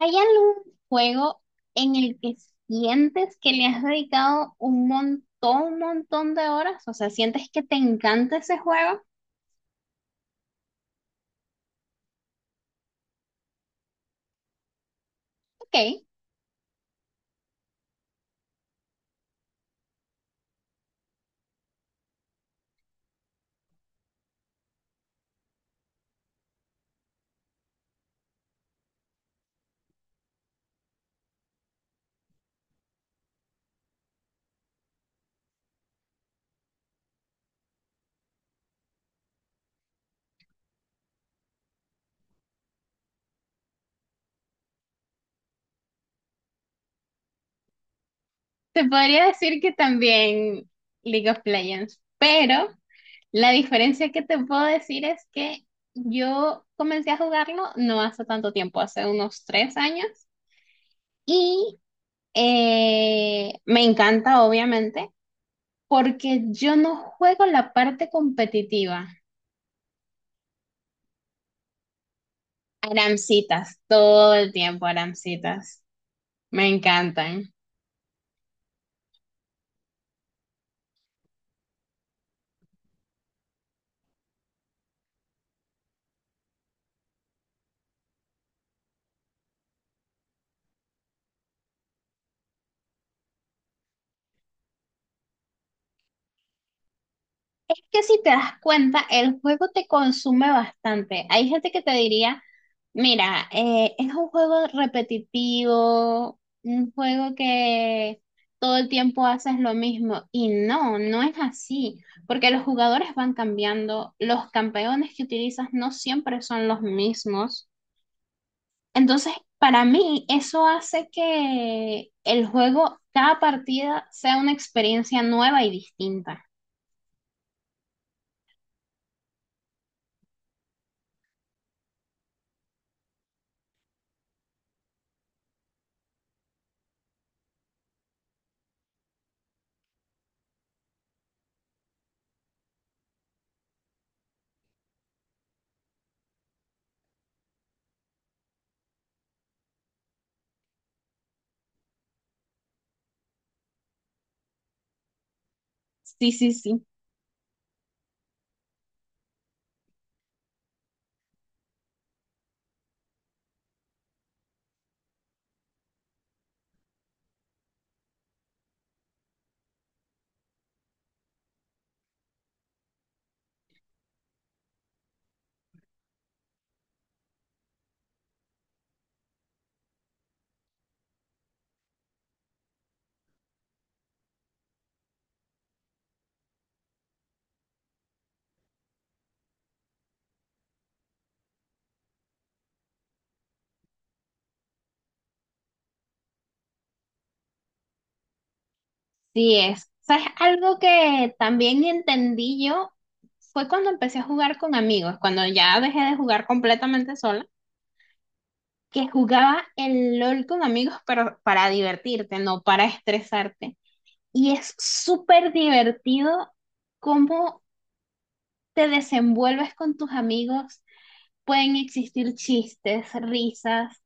¿Hay algún juego en el que sientes que le has dedicado un montón de horas? O sea, ¿sientes que te encanta ese juego? Ok, te podría decir que también League of Legends, pero la diferencia que te puedo decir es que yo comencé a jugarlo no hace tanto tiempo, hace unos tres años, y me encanta, obviamente, porque yo no juego la parte competitiva. Aramcitas, todo el tiempo aramcitas. Me encantan. Es que si te das cuenta, el juego te consume bastante. Hay gente que te diría, mira, es un juego repetitivo, un juego que todo el tiempo haces lo mismo. Y no, no es así, porque los jugadores van cambiando, los campeones que utilizas no siempre son los mismos. Entonces, para mí, eso hace que el juego, cada partida, sea una experiencia nueva y distinta. Sí, sí, sí. Sí es. ¿Sabes? Algo que también entendí yo fue cuando empecé a jugar con amigos, cuando ya dejé de jugar completamente sola, que jugaba el LOL con amigos, pero para divertirte, no para estresarte. Y es súper divertido cómo te desenvuelves con tus amigos, pueden existir chistes, risas.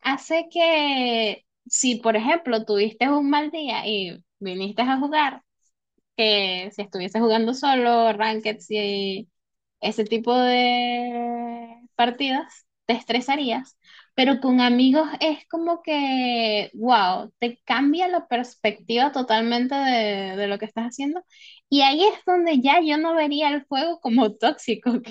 Hace que si, por ejemplo, tuviste un mal día y viniste a jugar, que si estuvieses jugando solo, ranked y ese tipo de partidas, te estresarías. Pero con amigos es como que, wow, te cambia la perspectiva totalmente de lo que estás haciendo. Y ahí es donde ya yo no vería el juego como tóxico, ¿ok?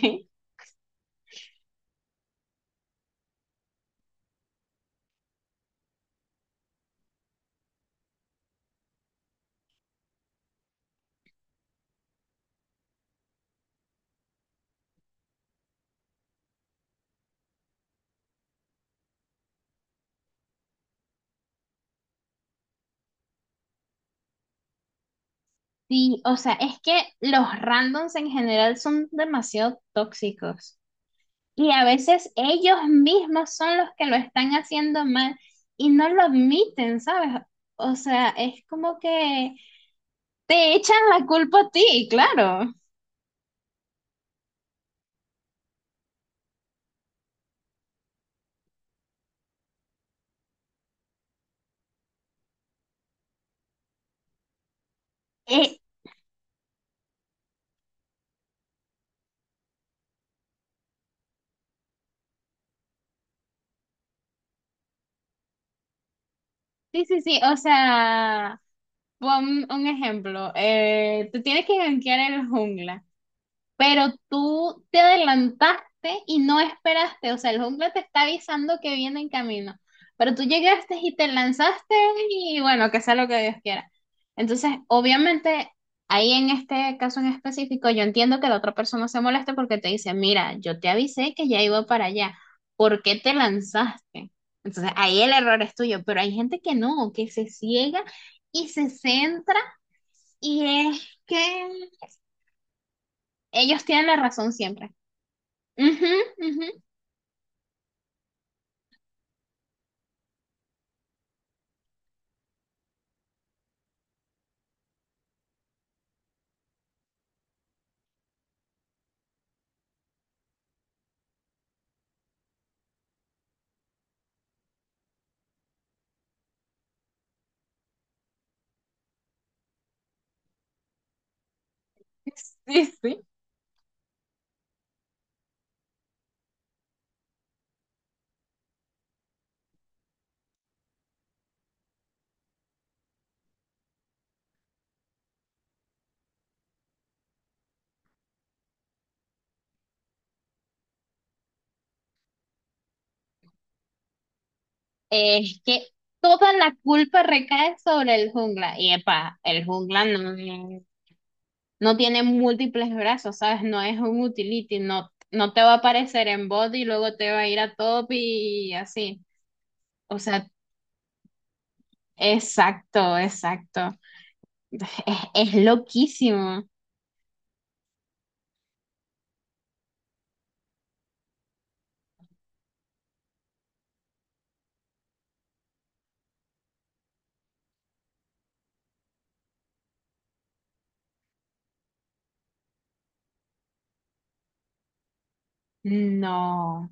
Sí, o sea, es que los randoms en general son demasiado tóxicos y a veces ellos mismos son los que lo están haciendo mal y no lo admiten, ¿sabes? O sea, es como que te echan la culpa a ti, claro. Eh, sí, sí, sí, o sea, pon un ejemplo, tú tienes que gankear el jungla. Pero tú te adelantaste y no esperaste, o sea, el jungla te está avisando que viene en camino, pero tú llegaste y te lanzaste y bueno, que sea lo que Dios quiera. Entonces, obviamente, ahí en este caso en específico, yo entiendo que la otra persona se moleste porque te dice, mira, yo te avisé que ya iba para allá, ¿por qué te lanzaste? Entonces, ahí el error es tuyo, pero hay gente que no, que se ciega y se centra y es que ellos tienen la razón siempre. Ujú, ujú. Sí, sí. Es que toda la culpa recae sobre el jungla. Y epa, el jungla no, no tiene múltiples brazos, ¿sabes? No es un utility, no, no te va a aparecer en bot y luego te va a ir a top y así. O sea, exacto, exacto. Es loquísimo. No.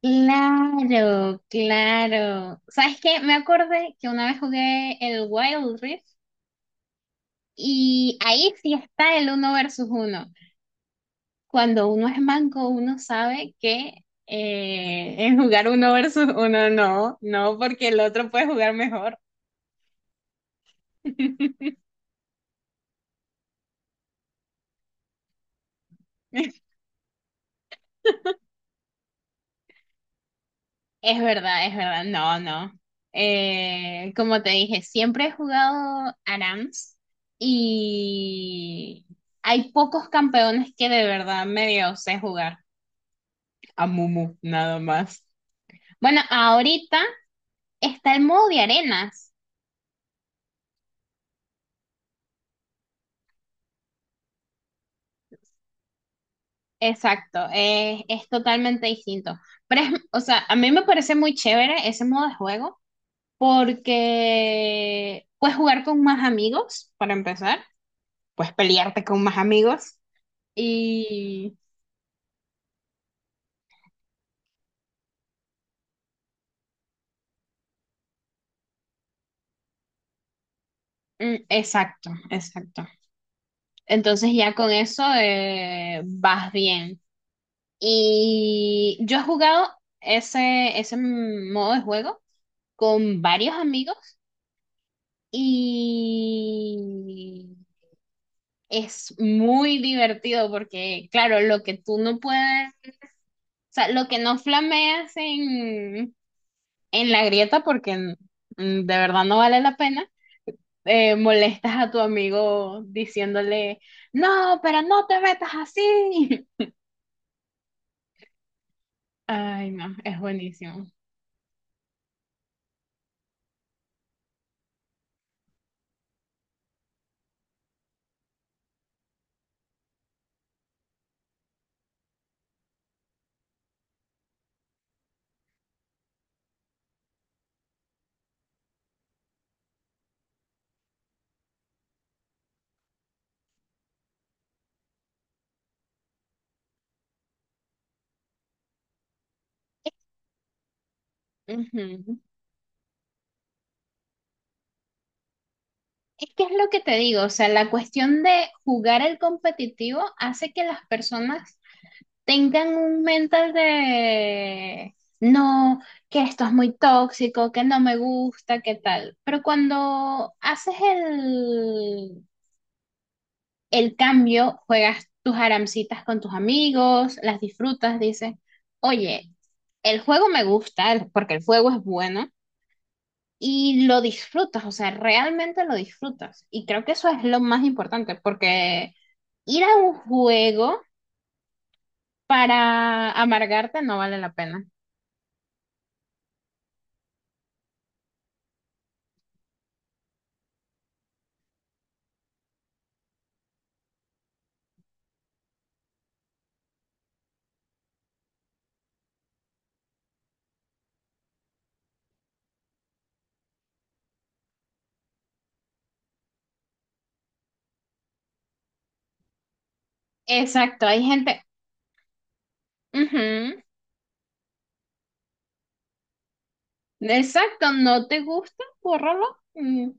Claro, claro. ¿Sabes qué? Me acordé que una vez jugué el Wild Rift, y ahí sí está el uno versus uno. Cuando uno es manco, uno sabe que en jugar uno versus uno no, no, porque el otro puede jugar mejor. Es verdad, no, no. Como te dije, siempre he jugado ARAMS y hay pocos campeones que de verdad medio sé jugar. A Mumu, nada más. Bueno, ahorita está el modo de arenas. Exacto, es totalmente distinto. Pero es, o sea, a mí me parece muy chévere ese modo de juego porque puedes jugar con más amigos, para empezar, puedes pelearte con más amigos y... Mm, exacto, exacto. Entonces ya con eso vas bien. Y yo he jugado ese, ese modo de juego con varios amigos y... es muy divertido porque, claro, lo que tú no puedes, o sea, lo que no flameas en la grieta porque mm, de verdad no vale la pena, molestas a tu amigo diciéndole, no, pero no te metas así. Ay, no, es buenísimo. Ujú. Es que es lo que te digo, o sea, la cuestión de jugar el competitivo hace que las personas tengan un mental de no, que esto es muy tóxico, que no me gusta, que tal. Pero cuando haces el cambio, juegas tus aramcitas con tus amigos, las disfrutas, dices, oye, el juego me gusta porque el juego es bueno. Y lo disfrutas, o sea, realmente lo disfrutas. Y creo que eso es lo más importante, porque ir a un juego para amargarte no vale la pena. Exacto, hay gente. Ujú, exacto, no te gusta, bórralo. Mm,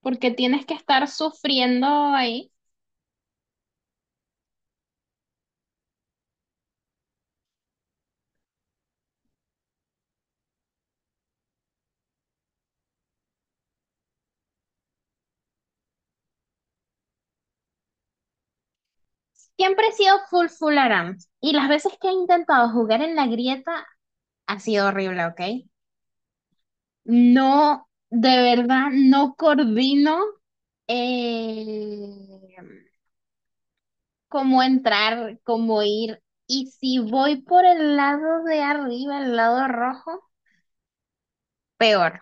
porque tienes que estar sufriendo ahí. Siempre he sido full full aram. Y las veces que he intentado jugar en la grieta ha sido horrible, ¿ok? No, de verdad, no coordino, eh, cómo entrar, cómo ir. Y si voy por el lado de arriba, el lado rojo, peor.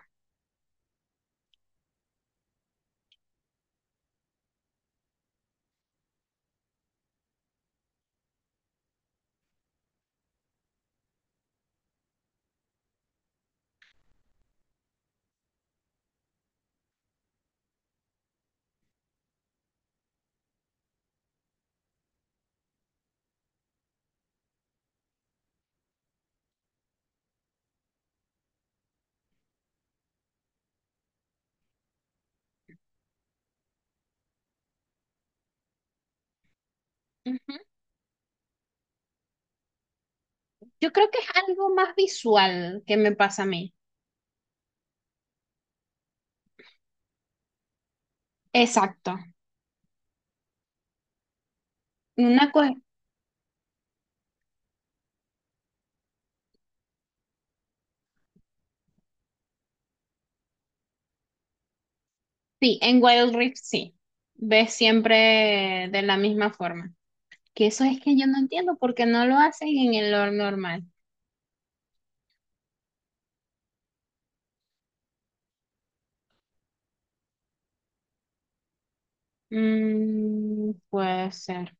Yo creo que es algo más visual que me pasa a mí. Exacto. Una cosa, sí, en Wild Rift sí. Ves siempre de la misma forma. Que eso es que yo no entiendo por qué no lo hacen en el lore normal. Mm, puede ser.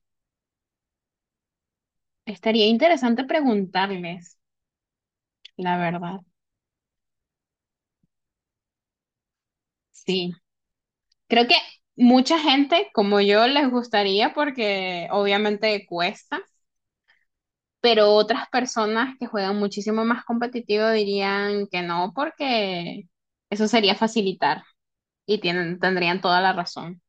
Estaría interesante preguntarles, la verdad. Sí. Creo que mucha gente como yo les gustaría porque obviamente cuesta. Pero otras personas que juegan muchísimo más competitivo dirían que no, porque eso sería facilitar y tienen, tendrían toda la razón.